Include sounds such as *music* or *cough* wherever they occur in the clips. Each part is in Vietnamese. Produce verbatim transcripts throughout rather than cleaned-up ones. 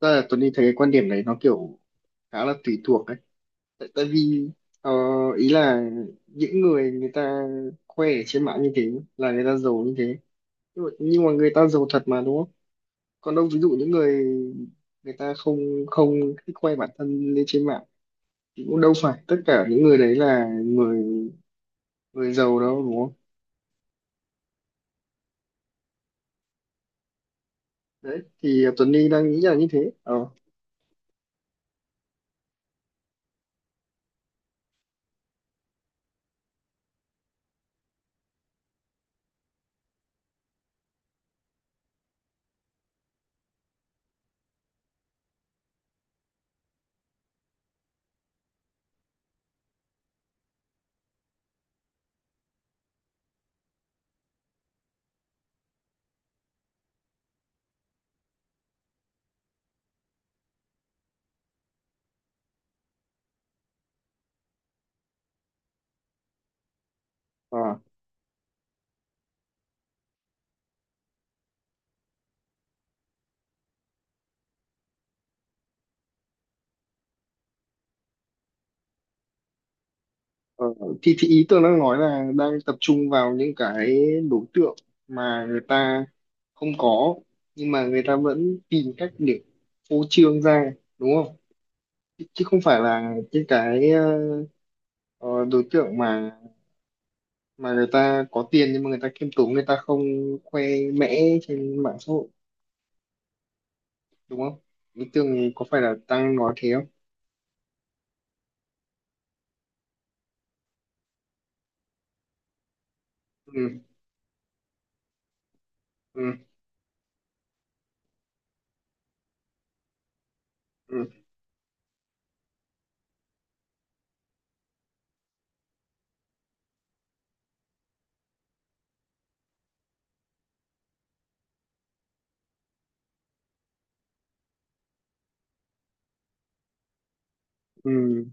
Thật là Tuấn Linh thấy cái quan điểm đấy nó kiểu khá là tùy thuộc đấy. Tại, tại vì ờ, ý là những người người ta khoe ở trên mạng như thế là người ta giàu như thế, nhưng mà, nhưng mà người ta giàu thật mà, đúng không? Còn đâu ví dụ những người người ta không không thích khoe bản thân lên trên mạng, thì cũng đâu phải tất cả những người đấy là người người giàu đâu, đúng không? Đấy thì Tuấn Linh đang nghĩ là như thế. ờ Ờ. Ờ, thì, thì ý tôi đang nói là đang tập trung vào những cái đối tượng mà người ta không có, nhưng mà người ta vẫn tìm cách để phô trương ra, đúng không? Chứ chứ không phải là những cái ờ, ờ, đối tượng mà mà người ta có tiền nhưng mà người ta khiêm tốn, người ta không khoe mẽ trên mạng xã hội, đúng không? Ý tưởng có phải là đang nói thế không? Ừ, ừ, ừ, ừ,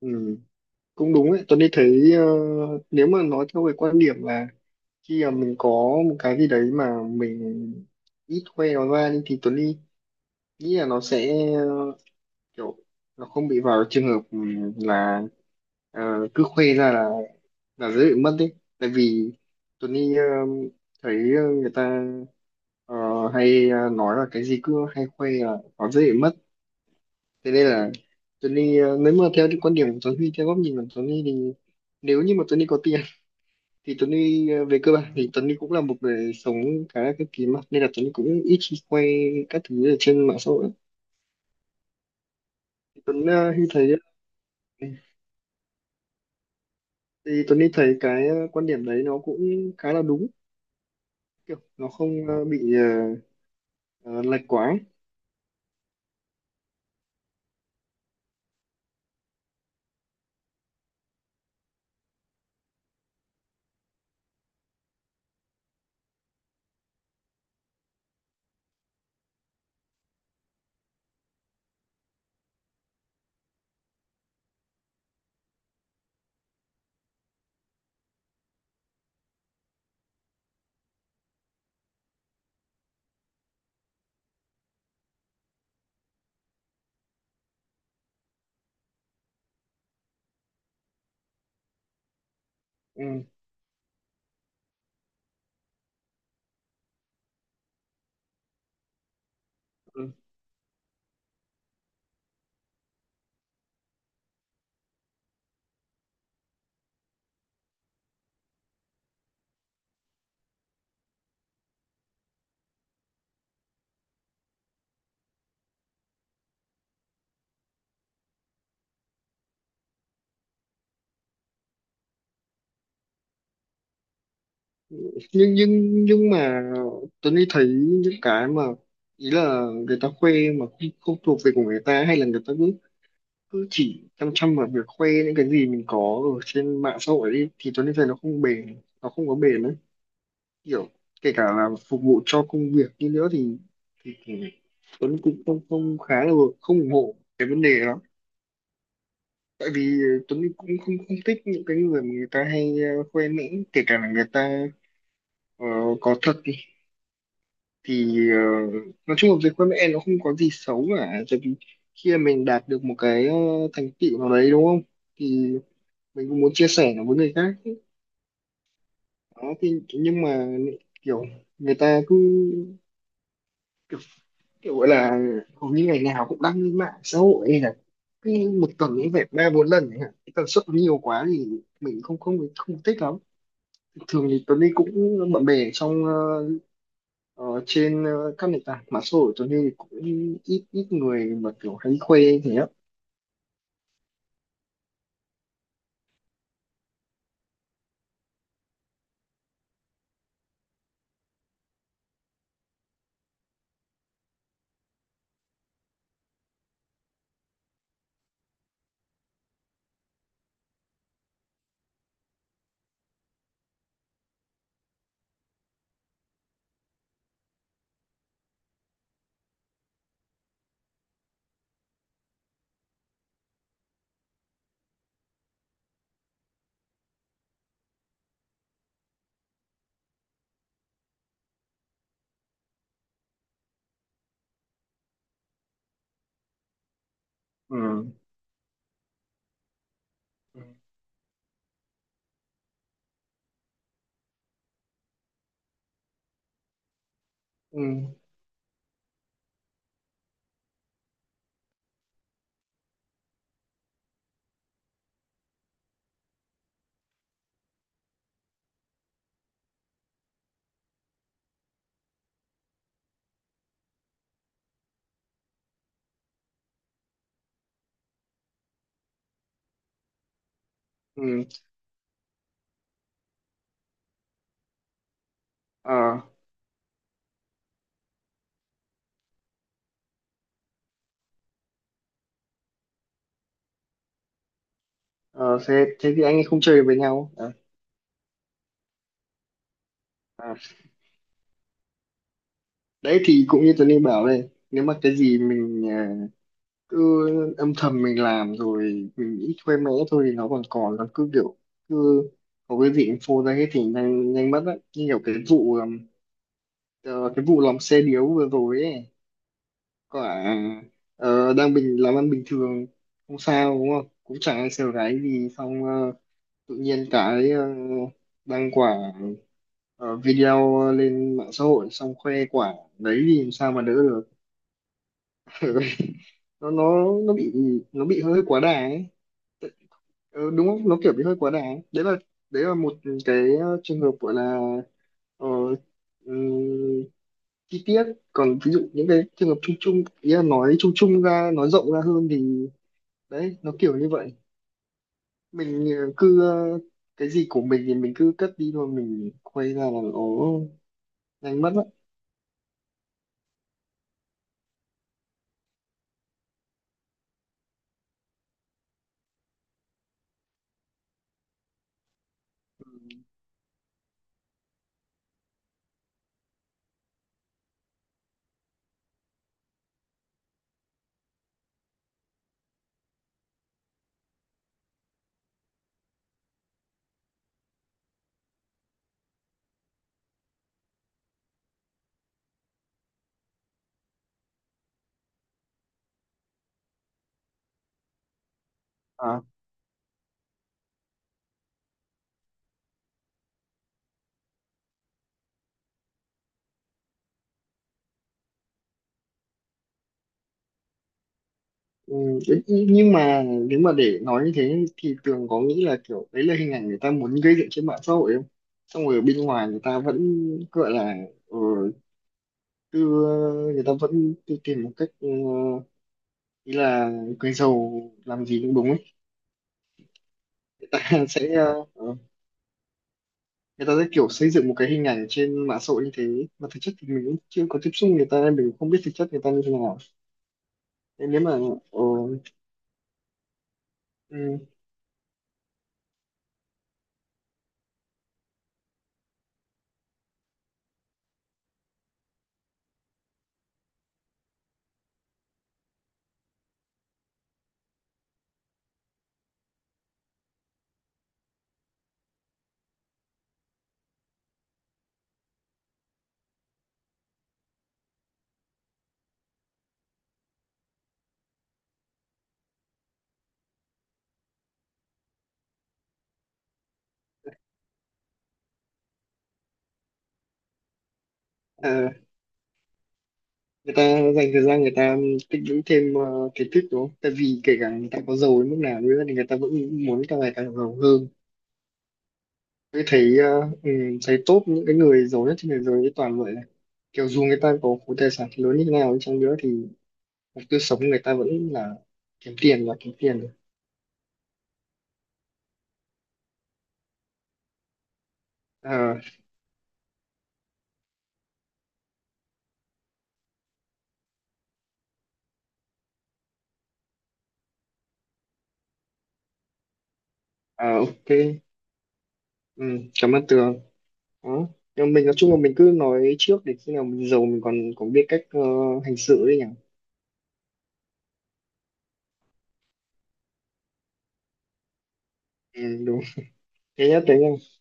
ừ. ừ. Cũng đúng ấy, tôi đi thấy ờ, nếu mà nói theo cái quan điểm là khi mà mình có một cái gì đấy mà mình ít khoe nó ra đi, thì Tuấn Ly nghĩ là nó sẽ ờ, kiểu nó không bị vào trường hợp ừm, là ờ, cứ khoe ra là là dễ bị mất đấy. Tại vì Tuấn Ly ờ, thấy ờ, người ta ờ, hay ờ, nói là cái gì cứ hay khoe là nó dễ bị mất. Thế nên là Tuấn Ly, ờ, nếu mà theo cái quan điểm của Tuấn Ly, theo góc nhìn của Tuấn Ly, thì nếu như mà Tuấn Ly có tiền thì Tuấn Huy ờ, về cơ bản thì Tuấn Huy cũng là một người sống khá là cực kỳ mà, nên là Tuấn Huy cũng ít khi quay các thứ ở trên mạng xã hội lắm. thì Tuấn ờ, Huy thấy ờ, thì Tuấn Huy thấy cái ờ, quan điểm đấy nó cũng khá là đúng, kiểu nó không ờ, bị ờ, ờ, lệch quá ấy. ừ. ừ. nhưng nhưng nhưng mà Tuấn Huy thấy những cái mà ý là người ta khoe mà không, không thuộc về của người ta, hay là người ta cứ cứ chỉ chăm chăm vào việc khoe những cái gì mình có ở trên mạng xã hội ấy, thì Tuấn Huy thấy nó không bền, nó không có bền đấy Kiểu kể cả là phục vụ cho công việc như nữa thì, thì, thì Tuấn cũng không không khá là không ủng hộ cái vấn đề đó. Tại vì ờ, Tuấn cũng không không thích những cái người mà người ta hay ờ, khoe mẽ, kể cả là người ta ờ, có thật đi, thì ờ, nói chung là việc khoe mẽ nó không có gì xấu cả. Tại vì khi mà mình đạt được một cái ờ, thành tựu nào đấy, đúng không, thì mình cũng muốn chia sẻ nó với người khác. Đó, thì nhưng mà kiểu người ta cứ kiểu gọi là hầu như ngày nào cũng đăng lên mạng xã hội, hay là cái một tuần cũng phải ba bốn lần ấy hả? Cái tần suất nó nhiều quá thì mình không không không thích lắm. Thường thì Tuấn đi cũng bận bè trong ờ, ờ, trên ờ, các nền tảng mạng xã hội, Tuấn đi cũng ít ít người mà kiểu hay khoe thế á. ừ. ừ ừ ừ Ờ, ờ, thế, thế thì anh ấy không chơi với nhau à? à. Đấy thì cũng như Tuấn đi bảo đây, nếu mà cái gì mình à, cứ âm thầm mình làm rồi mình nghĩ thuê mẽ thôi, thì nó còn còn nó cứ kiểu cứ có cái gì info ra hết thì nhanh nhanh mất á. Như kiểu cái vụ ừm, ờ, cái vụ lòng xe điếu vừa rồi ấy, quả ờ, đang bình làm ăn bình thường không sao, đúng không, cũng chẳng ai sờ gáy gì, xong ờ, tự nhiên cái ờ, đăng quả ờ, video lên mạng xã hội xong khoe quả đấy thì làm sao mà đỡ được? *laughs* nó nó nó bị nó bị hơi quá đà ấy. Ừ, đúng không? Nó kiểu bị hơi quá đáng. Đấy là đấy là một cái ờ, trường hợp gọi là ờ, ừm, chi tiết. Còn ví dụ những cái trường hợp chung chung, ý là nói chung chung ra, nói rộng ra hơn, thì đấy nó kiểu như vậy. Mình ờ, cứ ờ, cái gì của mình thì mình cứ cất đi thôi, mình quay ra là nó nhanh mất á. Ừ, đấy, nh- nhưng mà nếu mà để nói như thế thì Tường có nghĩ là kiểu đấy là hình ảnh người ta muốn gây dựng trên mạng xã hội không? Xong rồi ở bên ngoài người ta vẫn gọi là ờ, cứ- ờ, người ta vẫn cứ tìm một cách, ờ, ý là người giàu làm gì cũng đúng ấy. Người ta *laughs* sẽ ờ, ờ, người ta sẽ kiểu xây dựng một cái hình ảnh trên mạng xã hội như thế, mà thực chất thì mình cũng chưa có tiếp xúc người ta nên mình không biết thực chất người ta như thế nào. Nên nếu mà ờ, ừ, ờ, người ta dành thời gian người ta tích lũy thêm ờ, kiến thức, đúng không? Tại vì kể cả người ta có giàu đến mức nào đi nữa thì người ta vẫn muốn càng ngày càng giàu hơn. Tôi thấy ờ, ừ, thấy top những cái người giàu nhất trên thế giới toàn vậy này. Kiểu dù người ta có khối tài sản lớn như thế nào đi chăng nữa thì cuộc tiêu sống người ta vẫn là kiếm tiền và kiếm tiền. Ờ, à, ok, ừ, cảm ơn Tường. Đó. Nhưng mà mình nói chung là mình cứ nói trước để khi nào mình giàu mình còn có biết cách ờ, hành xử đấy nhỉ? Ừ, đúng. Thế nhá, thế nhá.